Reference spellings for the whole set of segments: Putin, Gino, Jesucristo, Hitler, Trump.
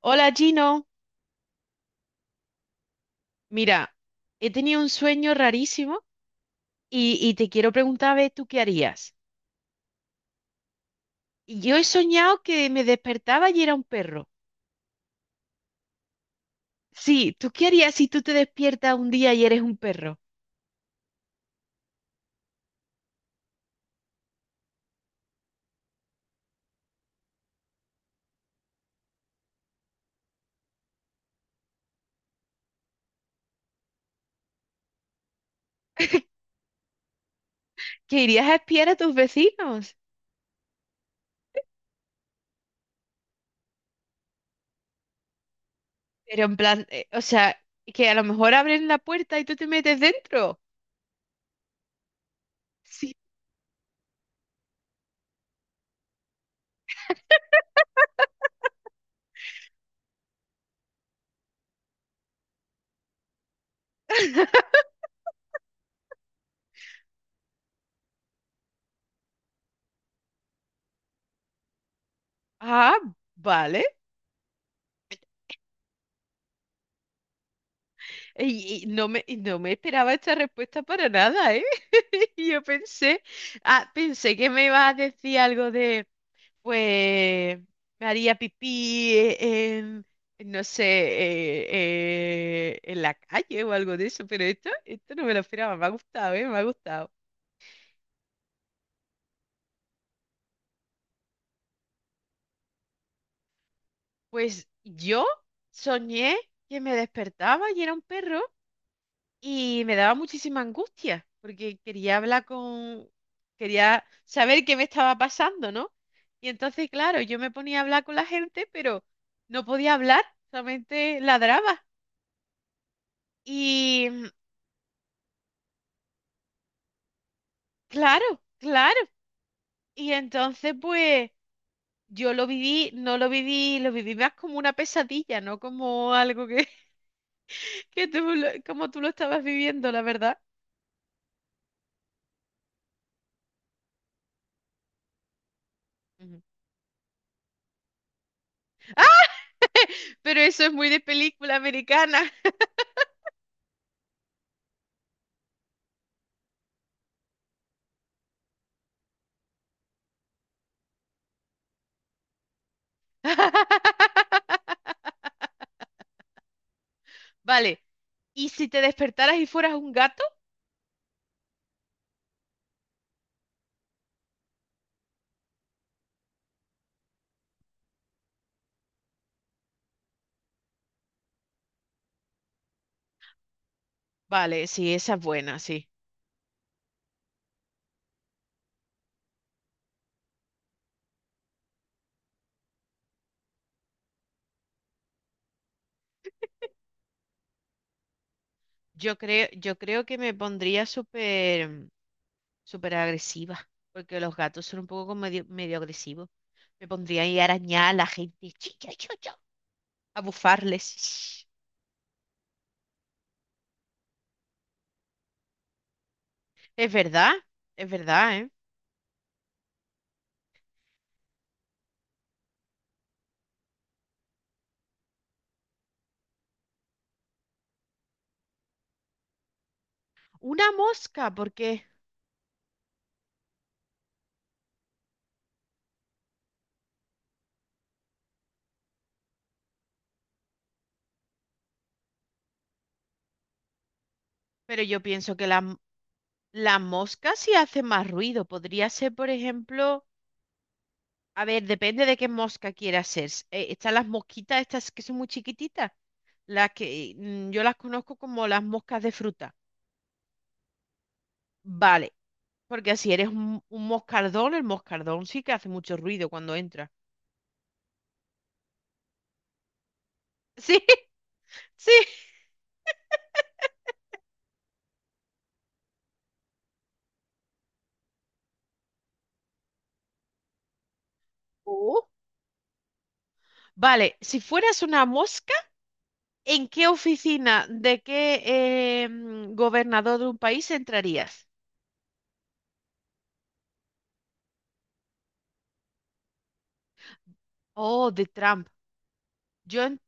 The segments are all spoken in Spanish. Hola Gino, mira, he tenido un sueño rarísimo y te quiero preguntar a ver tú qué harías. Yo he soñado que me despertaba y era un perro. Sí, ¿tú qué harías si tú te despiertas un día y eres un perro? ¿Que irías a espiar a tus vecinos? Pero en plan, o sea, que a lo mejor abren la puerta y tú te metes dentro. Sí. Ah, vale. Y, y no me esperaba esta respuesta para nada, ¿eh? Yo pensé, ah, pensé que me ibas a decir algo de... Pues me haría pipí en, no sé, en la calle o algo de eso, pero esto no me lo esperaba, me ha gustado, ¿eh? Me ha gustado. Pues yo soñé que me despertaba y era un perro y me daba muchísima angustia porque quería hablar con, quería saber qué me estaba pasando, ¿no? Y entonces, claro, yo me ponía a hablar con la gente, pero no podía hablar, solamente ladraba. Y claro, claro. Y entonces, pues, yo lo viví, no lo viví, lo viví más como una pesadilla, no como algo que, como tú lo estabas viviendo, la verdad. Ujú. Pero eso es muy de película americana. Vale. ¿Y si te despertaras y fueras un gato? Vale, sí, esa es buena, sí. Yo creo que me pondría súper agresiva, porque los gatos son un poco como medio agresivos. Me pondría ahí a arañar a la gente. A bufarles. Es verdad, es verdad, ¿eh? Una mosca, porque... Pero yo pienso que la mosca sí hace más ruido. Podría ser, por ejemplo... A ver, depende de qué mosca quieras ser. Están las mosquitas estas que son muy chiquititas. Las que yo las conozco como las moscas de fruta. Vale, porque si eres un moscardón, el moscardón sí que hace mucho ruido cuando entra. Sí, sí. Oh. Vale, si fueras una mosca... ¿En qué oficina de qué gobernador de un país entrarías? Oh, de Trump. Yo, en-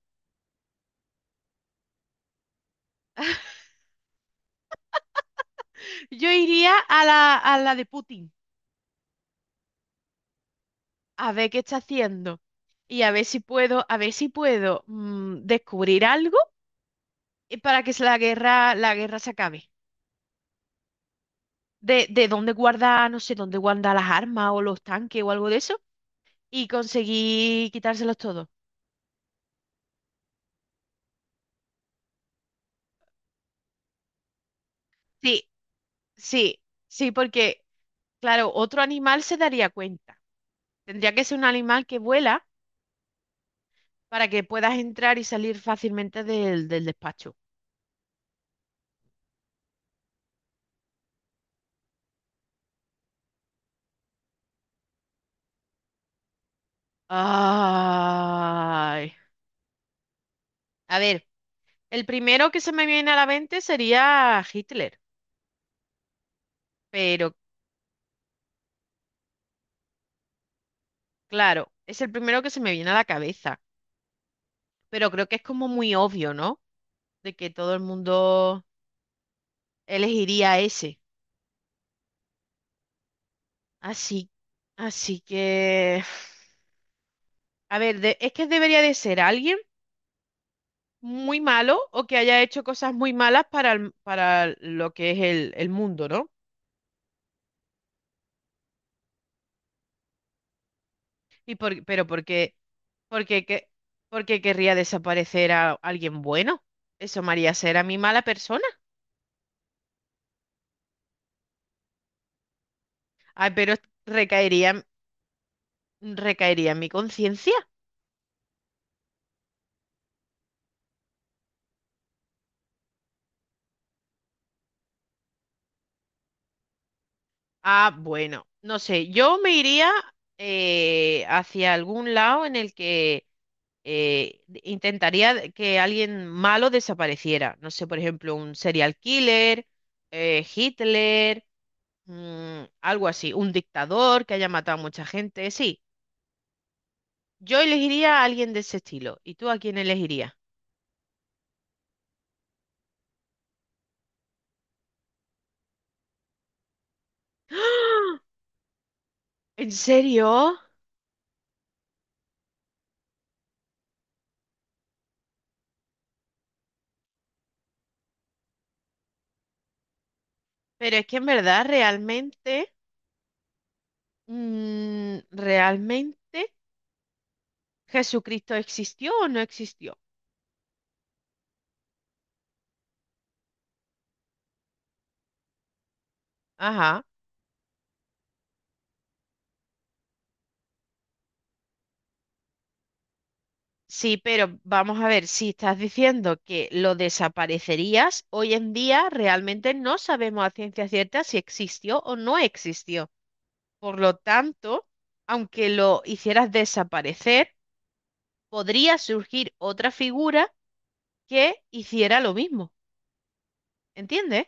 yo iría a a la de Putin, a ver qué está haciendo y a ver si puedo, a ver si puedo descubrir algo para que la guerra se acabe. De dónde guarda, no sé, dónde guarda las armas o los tanques o algo de eso y conseguir quitárselos todos. Sí, sí, sí, porque, claro, otro animal se daría cuenta. Tendría que ser un animal que vuela para que puedas entrar y salir fácilmente del despacho. Ay. A ver, el primero que se me viene a la mente sería Hitler, pero claro, es el primero que se me viene a la cabeza. Pero creo que es como muy obvio, ¿no? De que todo el mundo elegiría ese. Así, así que... A ver, de- es que debería de ser alguien muy malo o que haya hecho cosas muy malas para, el- para lo que es el mundo, ¿no? Y por, pero porque, porque, que- Porque querría desaparecer a alguien bueno. Eso me haría ser a mí mala persona. Ah, pero recaería, recaería en mi conciencia. Ah, bueno, no sé, yo me iría hacia algún lado en el que intentaría que alguien malo desapareciera. No sé, por ejemplo, un serial killer, Hitler, algo así, un dictador que haya matado a mucha gente. Sí, yo elegiría a alguien de ese estilo. ¿Y tú a quién elegirías? ¿En serio? Pero es que en verdad, realmente, realmente, ¿Jesucristo existió o no existió? Ajá. Sí, pero vamos a ver, si estás diciendo que lo desaparecerías, hoy en día realmente no sabemos a ciencia cierta si existió o no existió. Por lo tanto, aunque lo hicieras desaparecer, podría surgir otra figura que hiciera lo mismo. ¿Entiendes?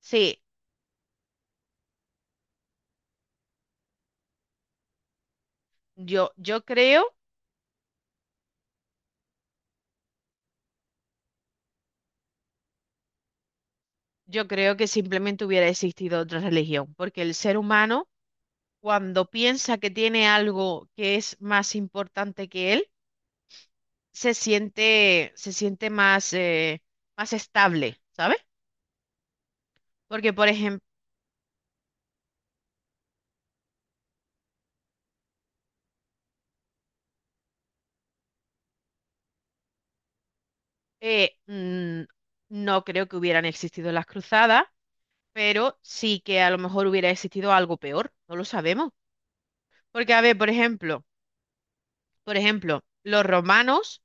Sí, yo, yo creo, yo creo que simplemente hubiera existido otra religión, porque el ser humano, cuando piensa que tiene algo que es más importante que él, se siente más, más estable, ¿sabes? Porque, por ejemplo, eh, mm, no creo que hubieran existido las cruzadas, pero sí que a lo mejor hubiera existido algo peor, no lo sabemos. Porque, a ver, por ejemplo, los romanos,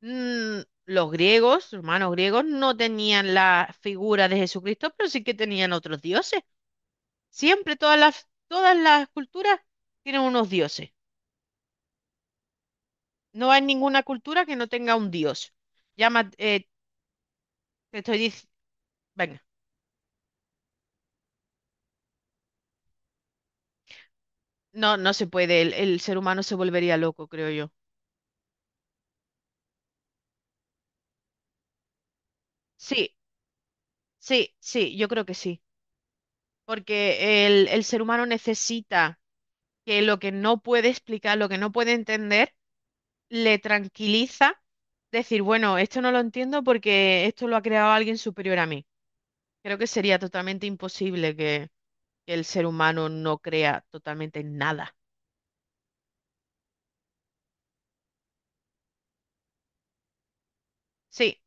mm, los griegos, romanos griegos, no tenían la figura de Jesucristo, pero sí que tenían otros dioses. Siempre todas las culturas tienen unos dioses. No hay ninguna cultura que no tenga un dios. Llama, te estoy diciendo, venga, no se puede, el ser humano se volvería loco, creo yo. Sí, sí, sí, yo creo que sí, porque el ser humano necesita que lo que no puede explicar, lo que no puede entender, le tranquiliza, decir, bueno, esto no lo entiendo porque esto lo ha creado alguien superior a mí. Creo que sería totalmente imposible que el ser humano no crea totalmente en nada. Sí.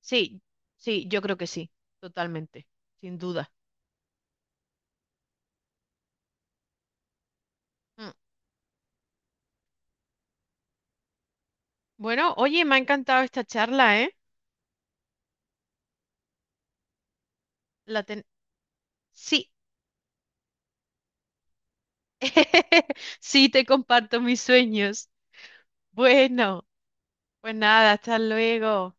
Sí, sí, yo creo que sí, totalmente, sin duda. Mm. Bueno, oye, me ha encantado esta charla, ¿eh? La ten... Sí, sí, te comparto mis sueños. Bueno, pues nada, hasta luego.